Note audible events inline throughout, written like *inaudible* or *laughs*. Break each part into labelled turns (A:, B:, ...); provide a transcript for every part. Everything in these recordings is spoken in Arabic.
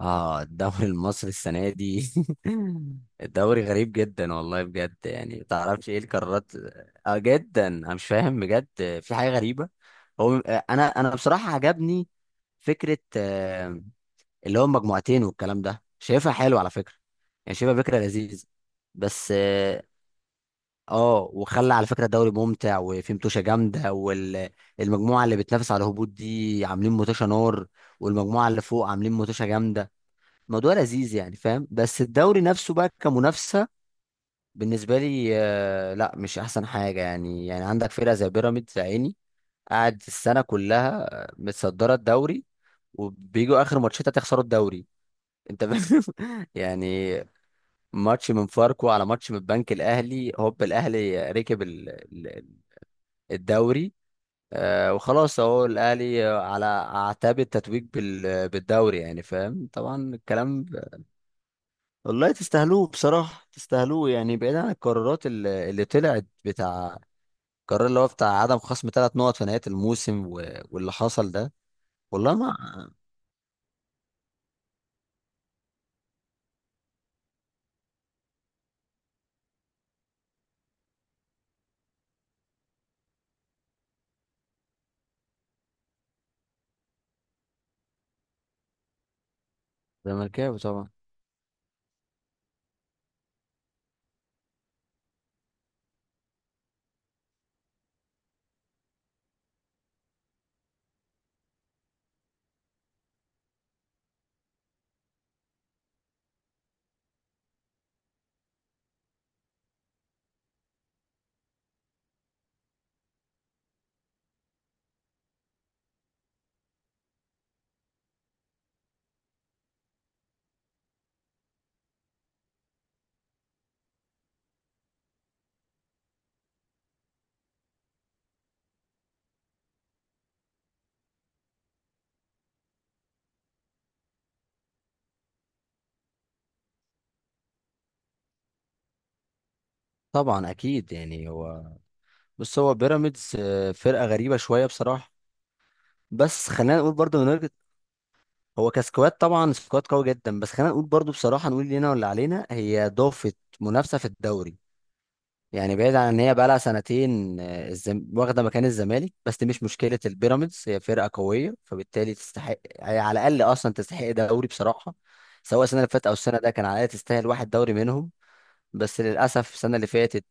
A: اه، الدوري المصري السنة دي. *laughs* الدوري غريب جدا والله، بجد يعني متعرفش ايه القرارات. اه، جدا انا مش فاهم بجد. في حاجة غريبة. هو انا بصراحة عجبني فكرة اللي هو مجموعتين والكلام ده، شايفها حلو على فكرة. يعني شايفها فكرة لذيذة. بس اه، وخلى على فكرة الدوري ممتع، وفي متوشة جامدة، والمجموعة اللي بتنافس على الهبوط دي عاملين متوشة نار. والمجموعة اللي فوق عاملين متوشة جامدة. موضوع لذيذ يعني فاهم. بس الدوري نفسه بقى كمنافسه، بالنسبه لي لا مش احسن حاجه، يعني عندك فرقه زي بيراميدز يا عيني. قاعد السنه كلها متصدره الدوري، وبيجوا اخر ماتشات هتخسروا الدوري. انت فاهم؟ *laughs* يعني ماتش من فاركو، على ماتش من البنك الاهلي، هوب الاهلي ركب الدوري. وخلاص اهو الاهلي على اعتاب التتويج بالدوري يعني فاهم طبعا الكلام. والله تستاهلوه بصراحة، تستاهلوه يعني، بعيدا عن القرارات اللي طلعت بتاع القرار اللي هو بتاع عدم خصم ثلاث نقط في نهاية الموسم واللي حصل ده. والله ما. زملكاوي طبعا. طبعا أكيد يعني هو، بص هو بيراميدز فرقة غريبة شوية بصراحة. بس خلينا نقول برضه من وجهة. هو كسكواد طبعا سكواد قوي جدا، بس خلينا نقول برضه بصراحة، نقول لنا ولا علينا، هي ضافت منافسة في الدوري. يعني بعيد عن ان هي بقى لها سنتين واخده مكان الزمالك، بس دي مش مشكله، البيراميدز هي فرقه قويه، فبالتالي تستحق هي على الاقل، اصلا تستحق دوري بصراحه. سواء السنه اللي فاتت او السنه ده، كان على الاقل تستاهل واحد دوري منهم. بس للاسف السنه اللي فاتت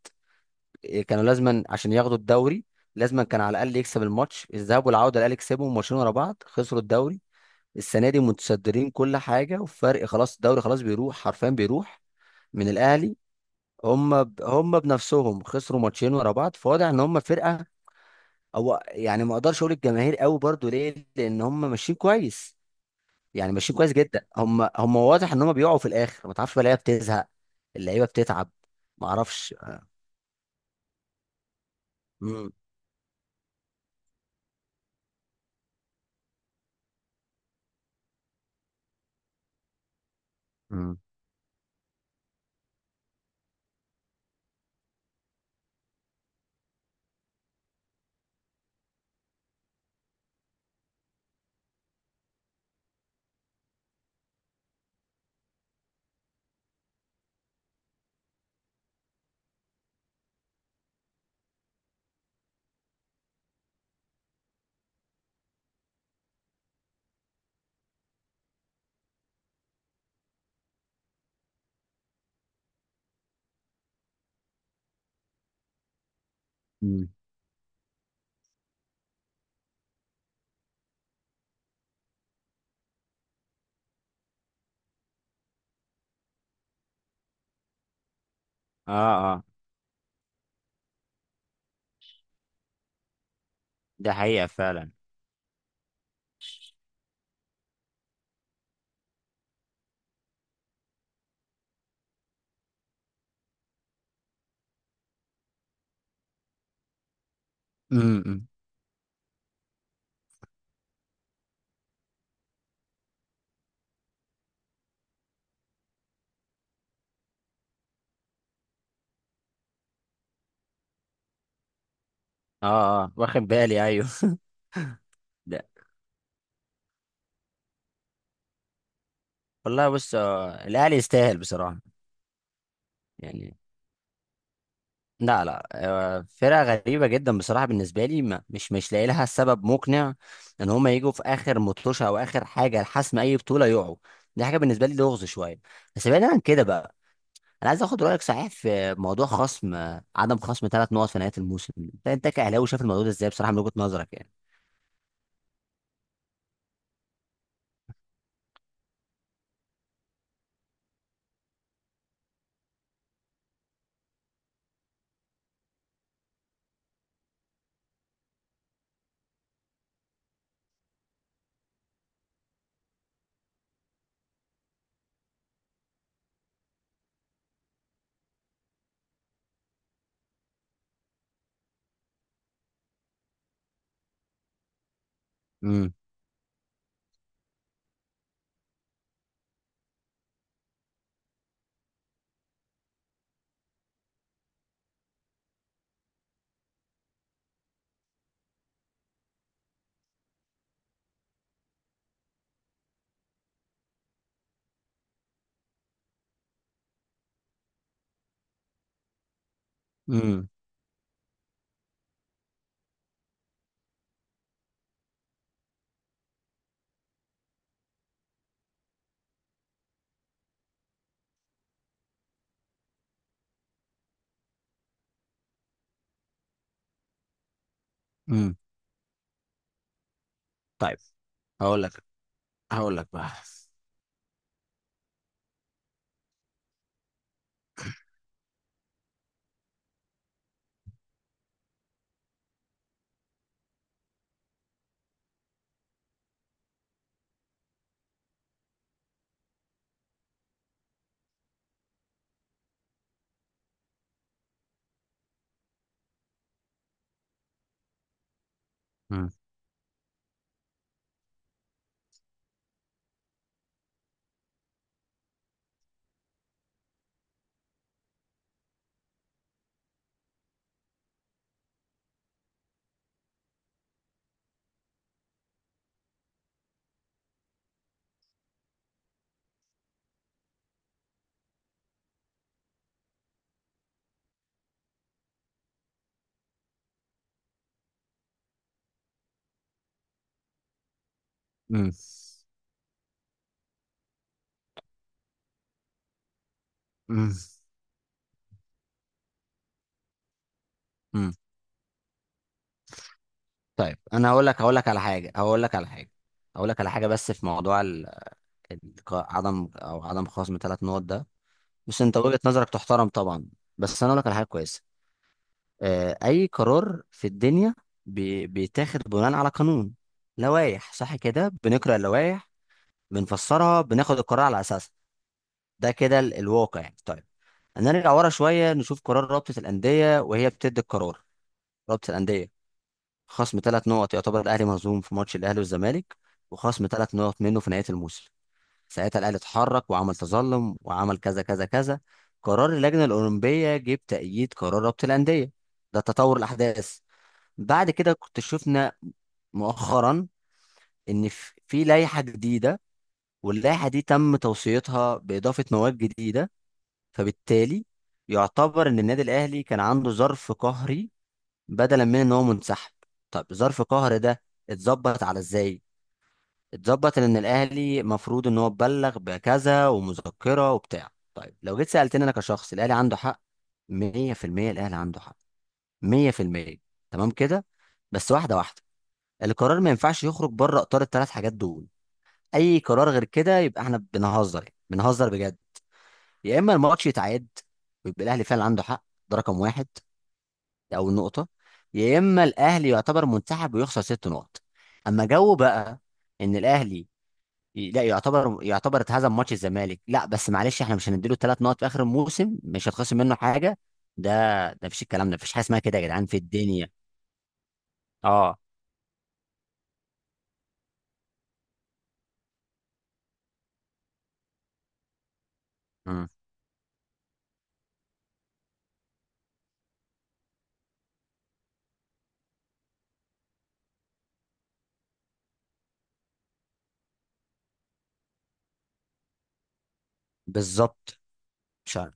A: كانوا لازما عشان ياخدوا الدوري. لازما كان على الاقل يكسب الماتش الذهاب والعوده، الاهلي كسبهم ماتشين ورا بعض، خسروا الدوري. السنه دي متصدرين كل حاجه، وفرق خلاص، الدوري خلاص بيروح حرفيا، بيروح من الاهلي. هم بنفسهم خسروا ماتشين ورا بعض، فواضح ان هم فرقه، او يعني ما اقدرش اقول الجماهير قوي برضو ليه، لان هم ماشيين كويس. يعني ماشيين كويس جدا، هم واضح ان هم بيقعوا في الاخر، ما تعرفش بقى اللعيبه بتزهق، اللعيبه بتتعب. ما اعرفش. امم. مم. مم. اه اه، ده حقيقة فعلا. امم. اه اه، واخد بالي، ايوه. *laughs* ده. والله بص الاهلي يستاهل بصراحة يعني. لا لا، فرقة غريبة جدا بصراحة بالنسبة لي، مش لاقي لها سبب مقنع ان هما يجوا في اخر مطوشة او اخر حاجة لحسم اي بطولة يقعوا. دي حاجة بالنسبة لي لغز شوية. بس بعيدا عن كده بقى، انا عايز اخد رأيك صحيح في موضوع خصم عدم خصم ثلاث نقط في نهاية الموسم، انت كأهلاوي شايف الموضوع ده ازاي بصراحة من وجهة نظرك يعني؟ امم. امم. امم. طيب هقول لك هقول لك بقى. امم. امم. امم. طيب انا هقول لك على حاجه، بس في موضوع عدم خصم ثلاث نقط ده. بص، انت وجهه نظرك تحترم طبعا. بس انا اقول لك على حاجه كويسه، اي قرار في الدنيا بيتاخد بناء على قانون، لوائح صح كده، بنقرا اللوائح، بنفسرها، بناخد القرار على اساسها. ده كده الواقع يعني. طيب، هنرجع ورا شويه، نشوف قرار رابطه الانديه وهي بتدي القرار. رابطه الانديه، خصم ثلاث نقط، يعتبر الاهلي مهزوم في ماتش الاهلي والزمالك، وخصم ثلاث نقط منه في نهايه الموسم. ساعتها الاهلي اتحرك وعمل تظلم وعمل كذا كذا كذا. قرار اللجنه الاولمبيه جه بتأييد قرار رابطه الانديه. ده تطور الاحداث. بعد كده كنت شفنا مؤخرا ان في لائحه جديده، واللائحه دي تم توصيتها باضافه مواد جديده، فبالتالي يعتبر ان النادي الاهلي كان عنده ظرف قهري، بدلا من ان هو منسحب. طب ظرف قهر ده اتظبط على ازاي؟ اتظبط ان الاهلي مفروض ان هو اتبلغ بكذا ومذكره وبتاع. طيب لو جيت سالتني انا كشخص، الاهلي عنده حق، 100%. الاهلي عنده حق 100%. تمام كده. بس واحده واحده، القرار ما ينفعش يخرج بره اطار الثلاث حاجات دول. اي قرار غير كده يبقى احنا بنهزر، يعني بنهزر بجد. يا اما الماتش يتعاد ويبقى الاهلي فعلا عنده حق، ده رقم واحد، او النقطه، يا اما الاهلي يعتبر منسحب ويخسر ست نقط. اما جو بقى ان الاهلي لا يعتبر اتهزم ماتش الزمالك، لا بس معلش احنا مش هنديله ثلاث نقط في اخر الموسم، مش هتخصم منه حاجه، ده ده مفيش. الكلام ده مفيش حاجه اسمها كده يا جدعان في الدنيا. اه. امم. بالظبط. مش عارف.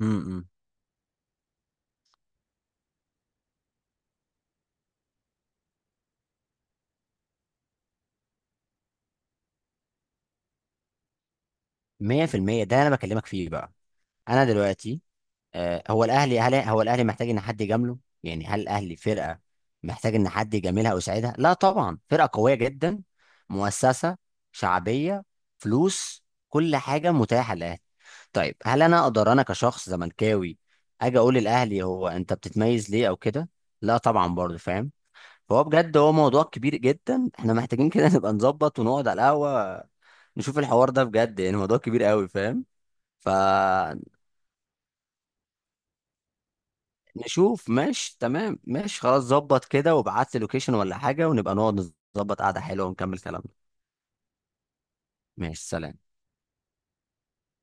A: امم. 100%، ده انا بكلمك فيه بقى. انا دلوقتي هو الاهلي، هل هو الاهلي محتاج ان حد يجامله؟ يعني هل الاهلي فرقه محتاج ان حد يجاملها او يساعدها؟ لا طبعا، فرقه قويه جدا، مؤسسه، شعبيه، فلوس، كل حاجه متاحه للاهلي. طيب هل انا اقدر، انا كشخص زملكاوي، اجي اقول للاهلي، هو انت بتتميز ليه او كده؟ لا طبعا، برضه فاهم. فهو بجد، هو موضوع كبير جدا، احنا محتاجين كده *laughs* نبقى نظبط ونقعد على القهوه، نشوف الحوار ده بجد يعني، موضوع كبير قوي فاهم. ف نشوف، ماشي تمام، ماشي خلاص، ظبط كده وابعت لي لوكيشن ولا حاجة، ونبقى نقعد، نظبط قعدة حلوة ونكمل كلامنا. ماشي، سلام.